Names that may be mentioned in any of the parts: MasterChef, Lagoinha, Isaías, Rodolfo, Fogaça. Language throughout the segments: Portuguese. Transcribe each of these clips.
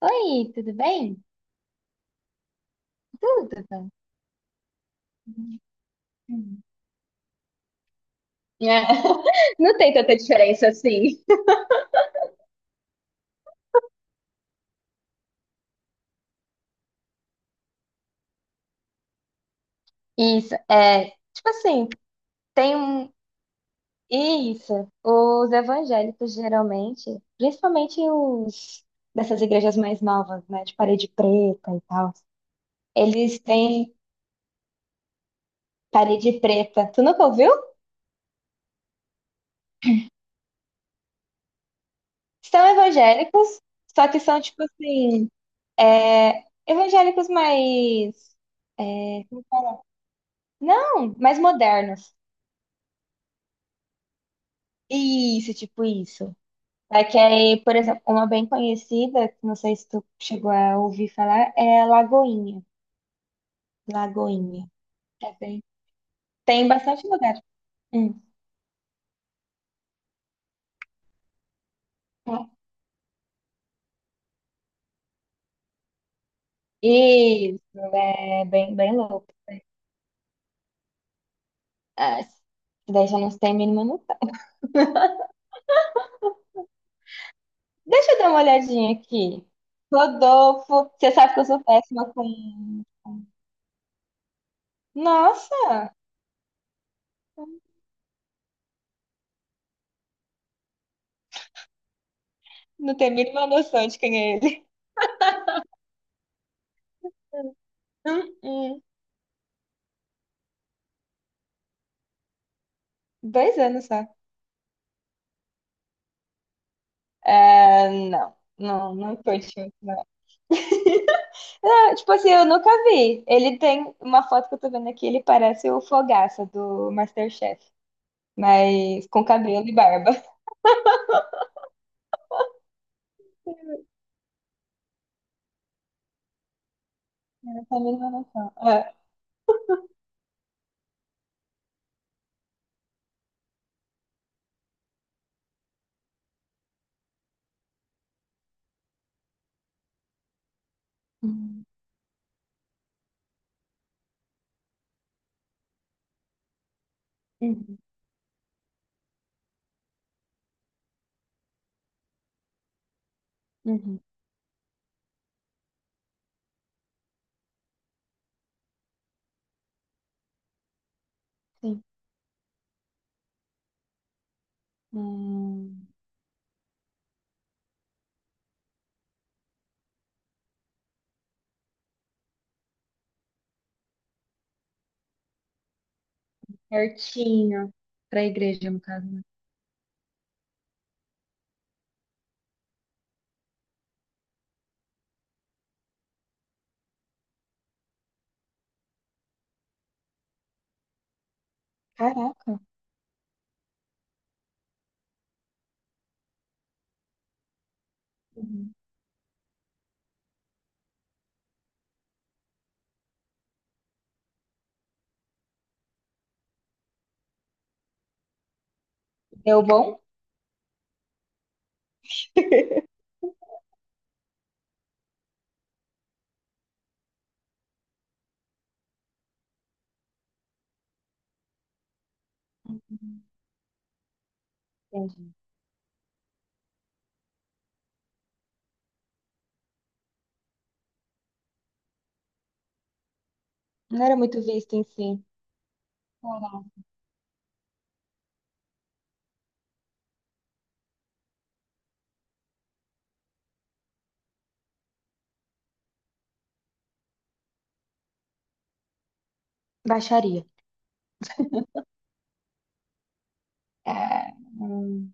Oi, tudo bem? Tudo bom. Hum. É, não tem tanta diferença assim. Isso, é, tipo assim, tem um, isso, os evangélicos geralmente, principalmente os dessas igrejas mais novas, né, de parede preta e tal, eles têm parede preta. Tu nunca ouviu? São evangélicos, só que são, tipo assim, é, evangélicos mais, não, mais modernos. Isso, tipo isso. É que aí, por exemplo, uma bem conhecida, que não sei se tu chegou a ouvir falar, é Lagoinha. Lagoinha. É bem. Tem bastante lugar. Hum. Isso, é bem, bem louco. Ah, isso daí já não tem mínimo noção. Deixa eu dar uma olhadinha aqui. Rodolfo, você sabe que eu sou péssima com. Nossa, não tem mínima noção de quem é ele. Hum, hum. 2 anos só. É não, não, não curti muito. Ah, tipo assim, eu nunca vi. Ele tem uma foto que eu tô vendo aqui, ele parece o Fogaça do MasterChef, mas com cabelo e barba. Eu também não noção. Ah. Uhum, uhum, uhum, sim. Hum, certinho. Pra igreja, no caso, né? Caraca. Uhum. Deu bom? Uhum, entendi. Não era muito visto em si. Caraca. Baixaria. Ah, hum,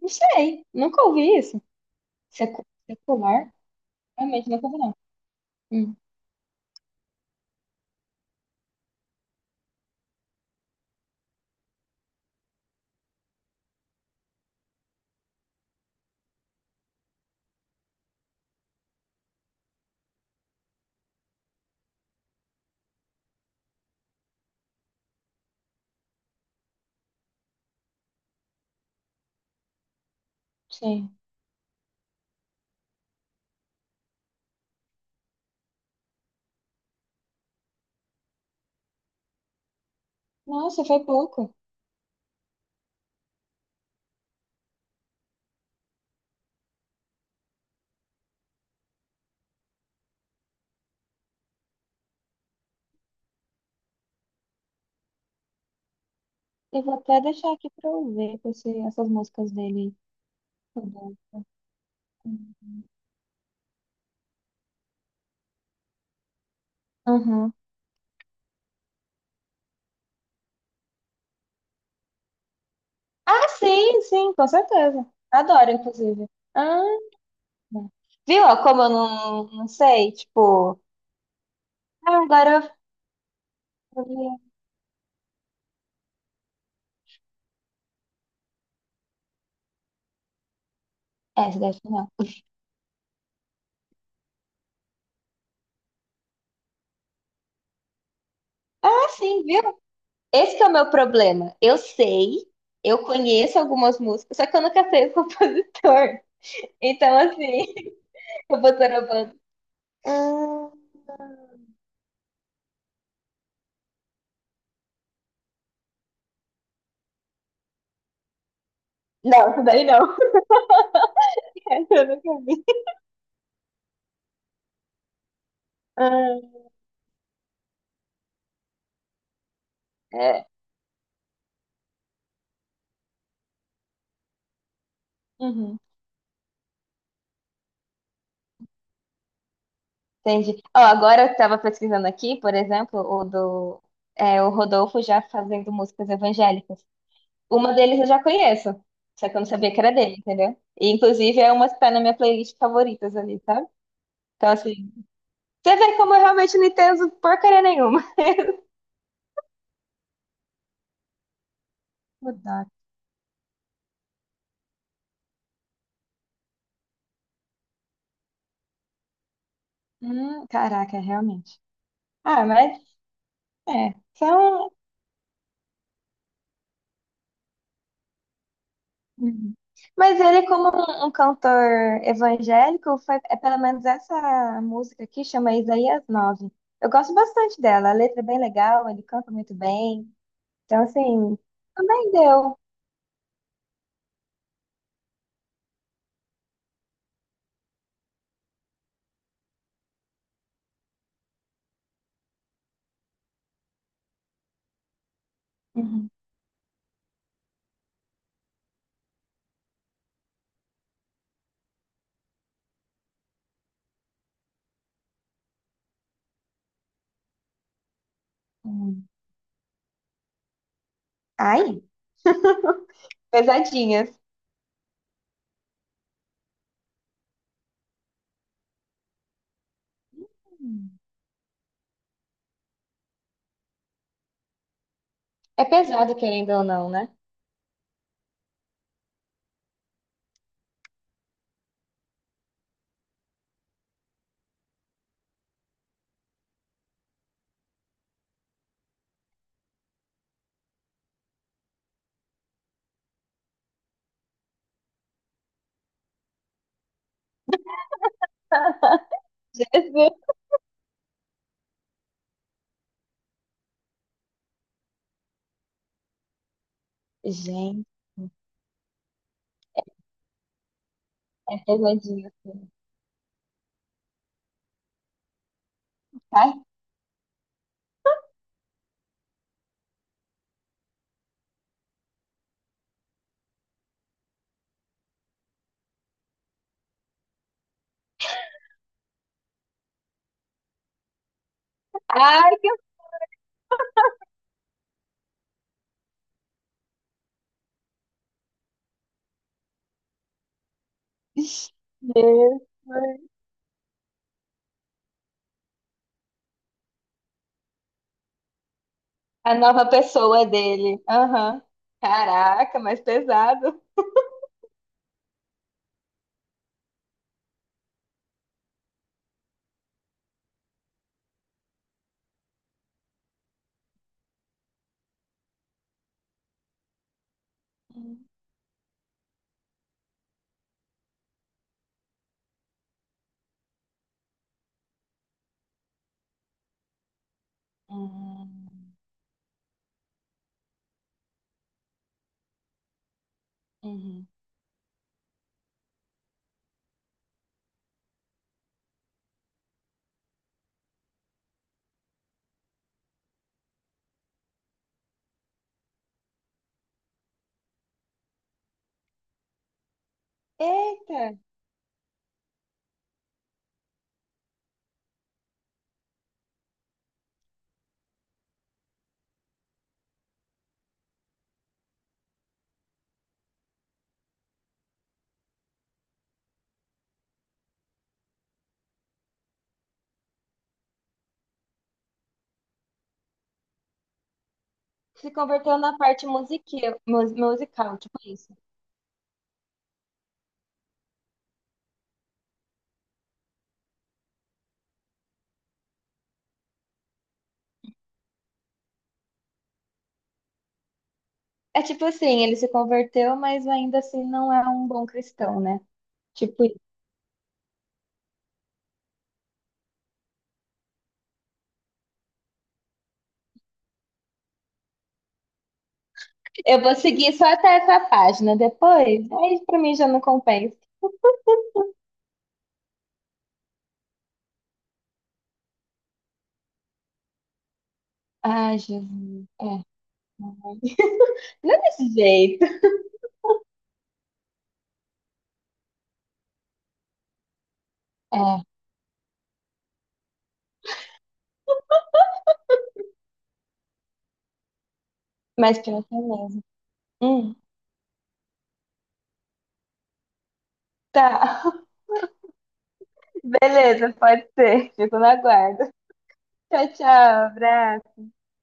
não sei. Nunca ouvi isso. Secular? Realmente, nunca ouvi, não. Sim. Nossa, foi pouco. Eu vou até deixar aqui pra eu ver essas músicas dele. Uhum. Ah, sim, sim, com certeza. Adoro, inclusive. Ah, viu? Ó, como eu não sei, tipo. Ah, agora eu vi. É, essa daí não. Ah, sim, viu? Esse que é o meu problema. Eu sei, eu conheço algumas músicas, só que eu nunca sei o compositor. Então, assim, eu vou bando. Hum. Não, essa daí não. Essa eu nunca vi. Ah, é. Uhum. Entendi. Ó, agora eu estava pesquisando aqui, por exemplo, o Rodolfo já fazendo músicas evangélicas. Uma deles eu já conheço, só que eu não sabia que era dele, entendeu? E, inclusive é uma que tá na minha playlist favoritas ali, sabe? Então, assim, você vê como eu realmente não entendo porcaria nenhuma. Rodolfo. Caraca, realmente. Ah, mas é. São Uhum. Mas ele, como um cantor evangélico, foi, é pelo menos essa música aqui, chama Isaías 9. Eu gosto bastante dela, a letra é bem legal, ele canta muito bem. Então, assim, também deu. Uhum. Uhum. Ai, pesadinhas. Uhum. É pesado, querendo ou não, né? Gente, é pesadinho assim. Ai, ai, que Deus. A nova pessoa dele. Aham. Caraca, mais pesado. Hum, hum, uhum. Eita, se converteu na parte musical, tipo isso. É tipo assim, ele se converteu, mas ainda assim não é um bom cristão, né? Tipo, eu vou seguir só até essa página depois. Aí pra mim já não compensa. Ai, Jesus. É. Não é desse jeito. É, mas pior que é mesmo. Hum, tá. Beleza, pode ser. Fico no aguardo. Tchau, tchau. Abraço.